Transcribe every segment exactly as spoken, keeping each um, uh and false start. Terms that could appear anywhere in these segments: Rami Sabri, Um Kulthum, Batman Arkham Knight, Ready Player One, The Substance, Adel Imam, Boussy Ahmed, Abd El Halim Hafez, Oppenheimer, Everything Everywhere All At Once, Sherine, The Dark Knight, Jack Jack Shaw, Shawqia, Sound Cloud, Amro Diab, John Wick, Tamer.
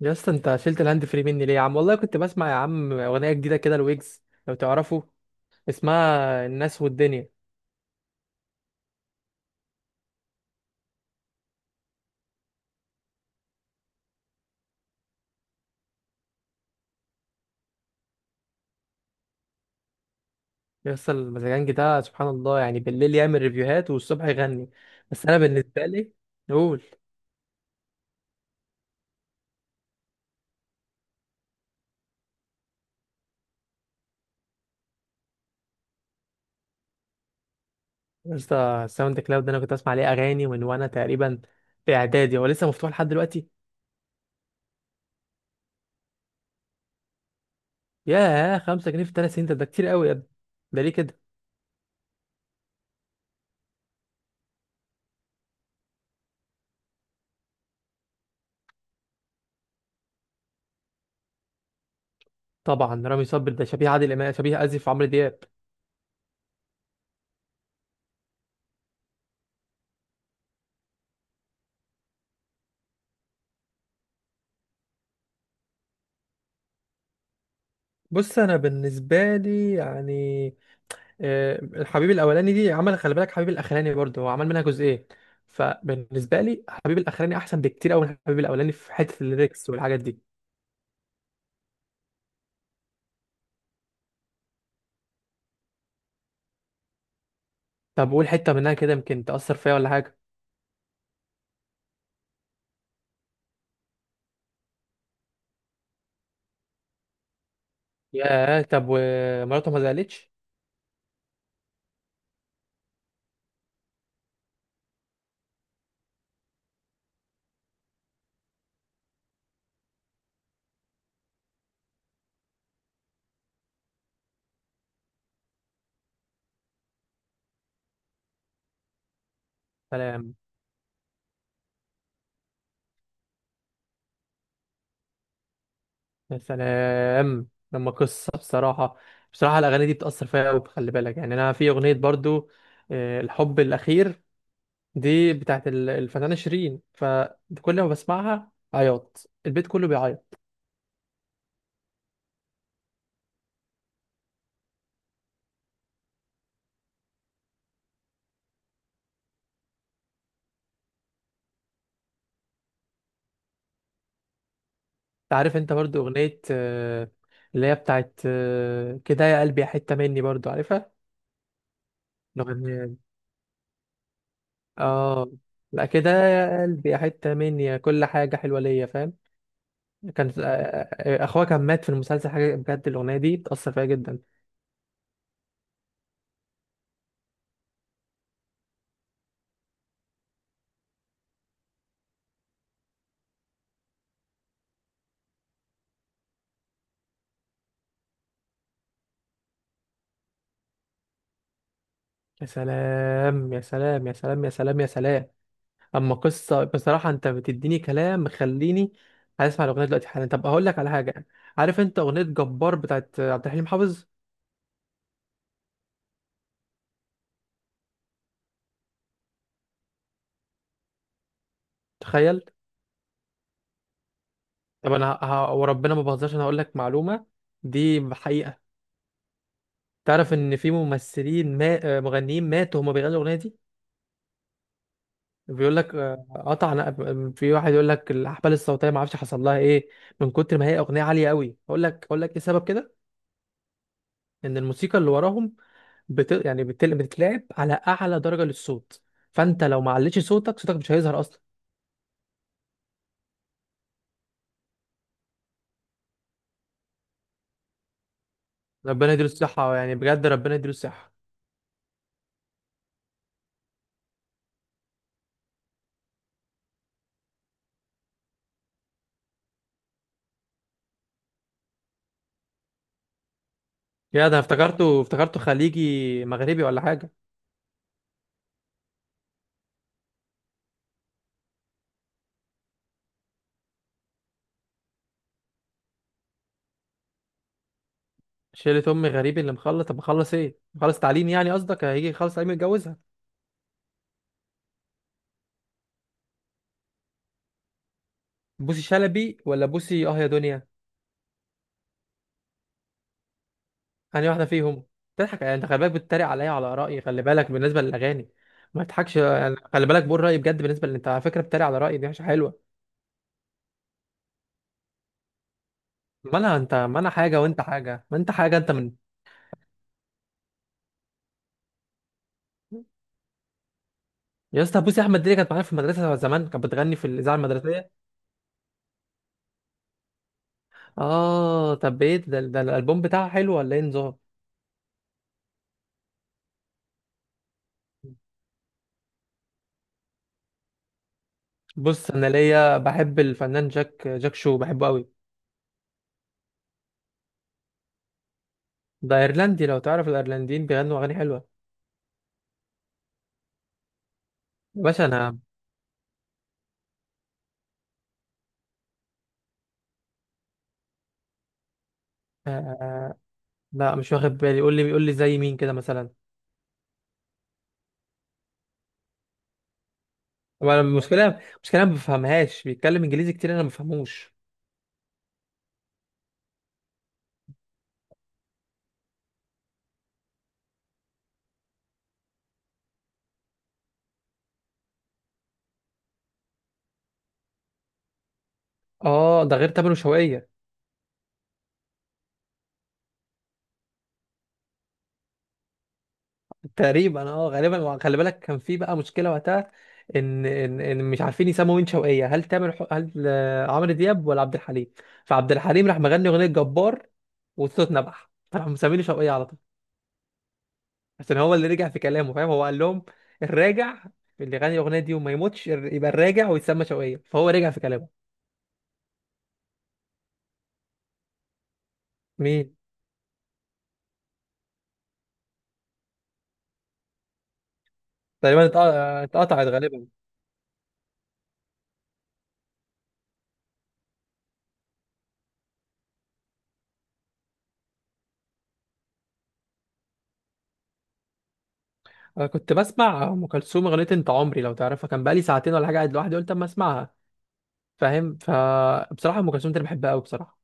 يا اسطى، انت شلت الهاند فري مني ليه يا عم؟ والله كنت بسمع يا عم اغنيه جديده كده، الويجز لو تعرفه، اسمها الناس والدنيا. يا اسطى، المزاجنج ده سبحان الله، يعني بالليل يعمل ريفيوهات والصبح يغني. بس انا بالنسبه لي نقول. يا اسطى، الساوند كلاود ده انا كنت اسمع عليه اغاني من وانا تقريبا في اعدادي، هو لسه مفتوح لحد دلوقتي. ياه، خمسة جنيه في تلات سنين؟ ده ده كتير قوي يا ابني، ده ليه كده؟ طبعا، رامي صبري ده شبيه عادل امام، شبيه، اسف، عمرو دياب. بص انا بالنسبه لي يعني، آه، الحبيب الاولاني دي عمل، خلي بالك، حبيب الاخراني برضه هو عمل منها جزئين. فبالنسبه لي حبيب الاخراني احسن بكتير قوي من حبيب الاولاني في حته الليركس والحاجات دي. طب قول حته منها كده، يمكن تاثر فيها ولا حاجه. ياه، طب ومراته ما زعلتش؟ سلام. يا سلام لما قصه بصراحه. بصراحه الاغاني دي بتاثر فيها قوي، خلي بالك، يعني انا في اغنيه برضه، آه، الحب الاخير، دي بتاعت ال- الفنانه شيرين، فكل ما بسمعها عياط، البيت كله بيعيط. عارف انت برضو اغنية، آه، اللي هي بتاعت، آه، كده يا قلبي يا حتة مني، برضو عارفها الاغنية دي؟ اه، لا، كده يا قلبي يا حتة مني يا كل حاجة حلوة ليا، فاهم؟ كان، آه، آه، آه، اخوها كان مات في المسلسل، حاجة بجد، الاغنية دي بتأثر فيها جدا. يا سلام يا سلام يا سلام يا سلام يا سلام، اما قصة بصراحة، انت بتديني كلام مخليني عايز اسمع الاغنية دلوقتي حالا. طب اقول لك على حاجة، عارف انت اغنية جبار بتاعت عبد الحليم حافظ؟ تخيل. طب انا ه... ه- وربنا ما بهزرش، انا هقول لك معلومه دي حقيقه. تعرف ان في ممثلين، ما... آه، مغنيين ماتوا هما بيغنوا الاغنيه دي؟ بيقول لك، آه، قطع نق- في واحد يقول لك الاحبال الصوتيه ما اعرفش حصل لها ايه، من كتر ما هي اغنيه عاليه قوي. اقول لك، اقول لك ايه سبب كده؟ ان الموسيقى اللي وراهم بت... يعني بتل... بتتلعب على اعلى درجه للصوت، فانت لو ما عليتش صوتك، صوتك مش هيظهر اصلا. ربنا يديله الصحه، يعني بجد ربنا يديله الصحه. يا، ده أنا افتكرته افتكرته، خليجي، مغربي، ولا حاجه؟ شيلة أم غريب اللي مخلص. طب مخلص إيه؟ مخلص تعليم؟ يعني قصدك هيجي يخلص تعليم يتجوزها؟ بوسي شلبي، ولا بوسي أه يا دنيا؟ أنهي واحدة فيهم؟ تضحك يعني؟ أنت خلي بالك بتتريق عليا على آرائي، خلي بالك بالنسبة للأغاني ما تضحكش. يعني خلي بالك، بقول رأيي بجد، بالنسبة اللي أنت على فكرة بتتريق على رأيي دي مش حلوة. ما أنا، أنت، ما أنا حاجة وأنت حاجة، ما أنت حاجة، أنت من. يا اسطى، بوسي أحمد دي اللي كانت معايا في المدرسة زمان، كانت بتغني في الإذاعة المدرسية. آه، طب إيه ده, ده, الألبوم بتاعها حلو ولا إيه نظام؟ بص أنا ليا بحب الفنان جاك جاك شو، بحبه أوي. ده ايرلندي، لو تعرف الايرلنديين بيغنوا اغاني حلوه. يا باشا، انا آه... آه، لا، مش واخد بالي، قول لي، قول لي زي مين كده مثلا. هو، أنا المشكله، المشكله أنا ما بفهمهاش، بيتكلم انجليزي كتير، انا ما بفهموش. اه، ده غير تامر وشوقية. تقريبا اه، غالبا، وخلي بالك كان في بقى مشكله وقتها، ان ان, إن مش عارفين يسموا مين شوقية، هل تامر، حو- هل آه، عمرو دياب ولا عبد الحليم. فعبد الحليم راح مغني اغنيه جبار، والصوت نبح، فراحوا مسميني شوقية على طول، عشان هو اللي رجع في كلامه، فاهم؟ هو قال لهم: الراجع اللي غني الاغنيه دي وما يموتش يبقى الراجع ويتسمى شوقية، فهو رجع في كلامه. مين؟ تقريبا اتق- اتقطعت غالبا. انا كنت بسمع ام كلثوم، اغنيه انت عمري، لو تعرفها، كان بقالي ساعتين ولا حاجه قاعد لوحدي، قلت اما اسمعها، فاهم؟ فبصراحه ام كلثوم دي انا بحبها قوي بصراحه.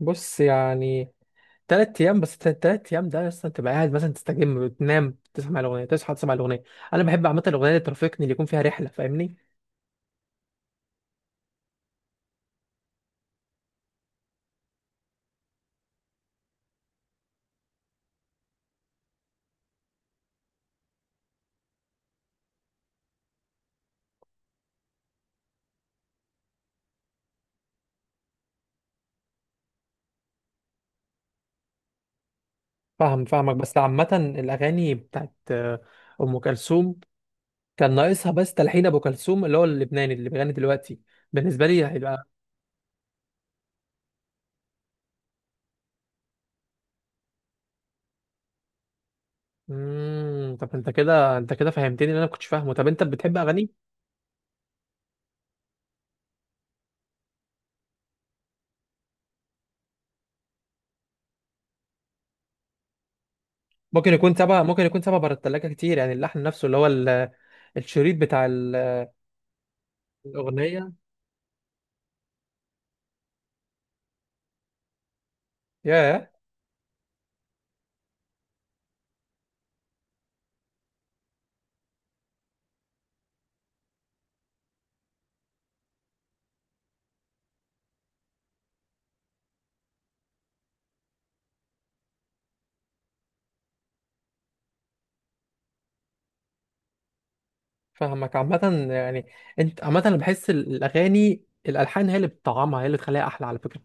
بص يعني، تلات ايام، بس ت- تلات ايام ده اصلا تبقى قاعد مثلا تستجم، تنام تسمع الاغنيه، تصحى تسمع الاغنيه. انا بحب عامه الاغنيه اللي ترافقني، اللي يكون فيها رحله، فاهمني؟ فاهم، فاهمك، بس عامة الأغاني بتاعت آه، أم كلثوم، كان ناقصها بس تلحين أبو كلثوم، اللي هو اللبناني اللي بيغني دلوقتي، بالنسبة لي هيبقى. مم... طب أنت كده أنت كده فهمتني اللي أنا ما كنتش فاهمه. طب أنت بتحب أغاني؟ ممكن يكون تبع، ممكن يكون تبع بره التلاجة كتير، يعني اللحن نفسه، اللي هو ال... الشريط بتاع ال... الأغنية. يا، فاهمك عامة، يعني، أنت عامة، أنا بحس الأغاني الألحان هي اللي بتطعمها، هي اللي بتخليها أحلى، على فكرة.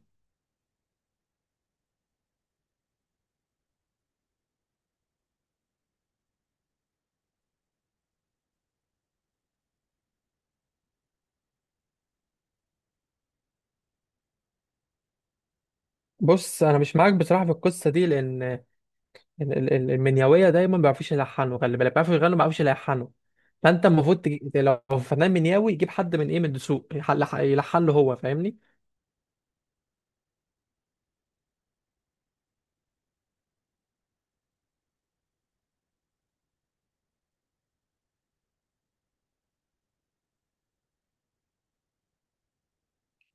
بص أنا مش معاك بصراحة في القصة دي، لأن ال- ال- ال- المنيوية دايما ما بيعرفوش يلحنوا، خلي بالك، بيعرفوا يغنوا، ما بيعرفوش يلحنوا. فانت المفروض تجي... لو فنان منياوي يجيب حد من ايه من الدسوق يحل- يلحن له هو، فاهمني؟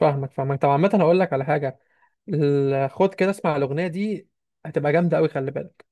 فاهمك فاهمك، طب عامة هقول لك على حاجة. ال- خد كده اسمع الأغنية دي، هتبقى جامدة أوي، خلي بالك.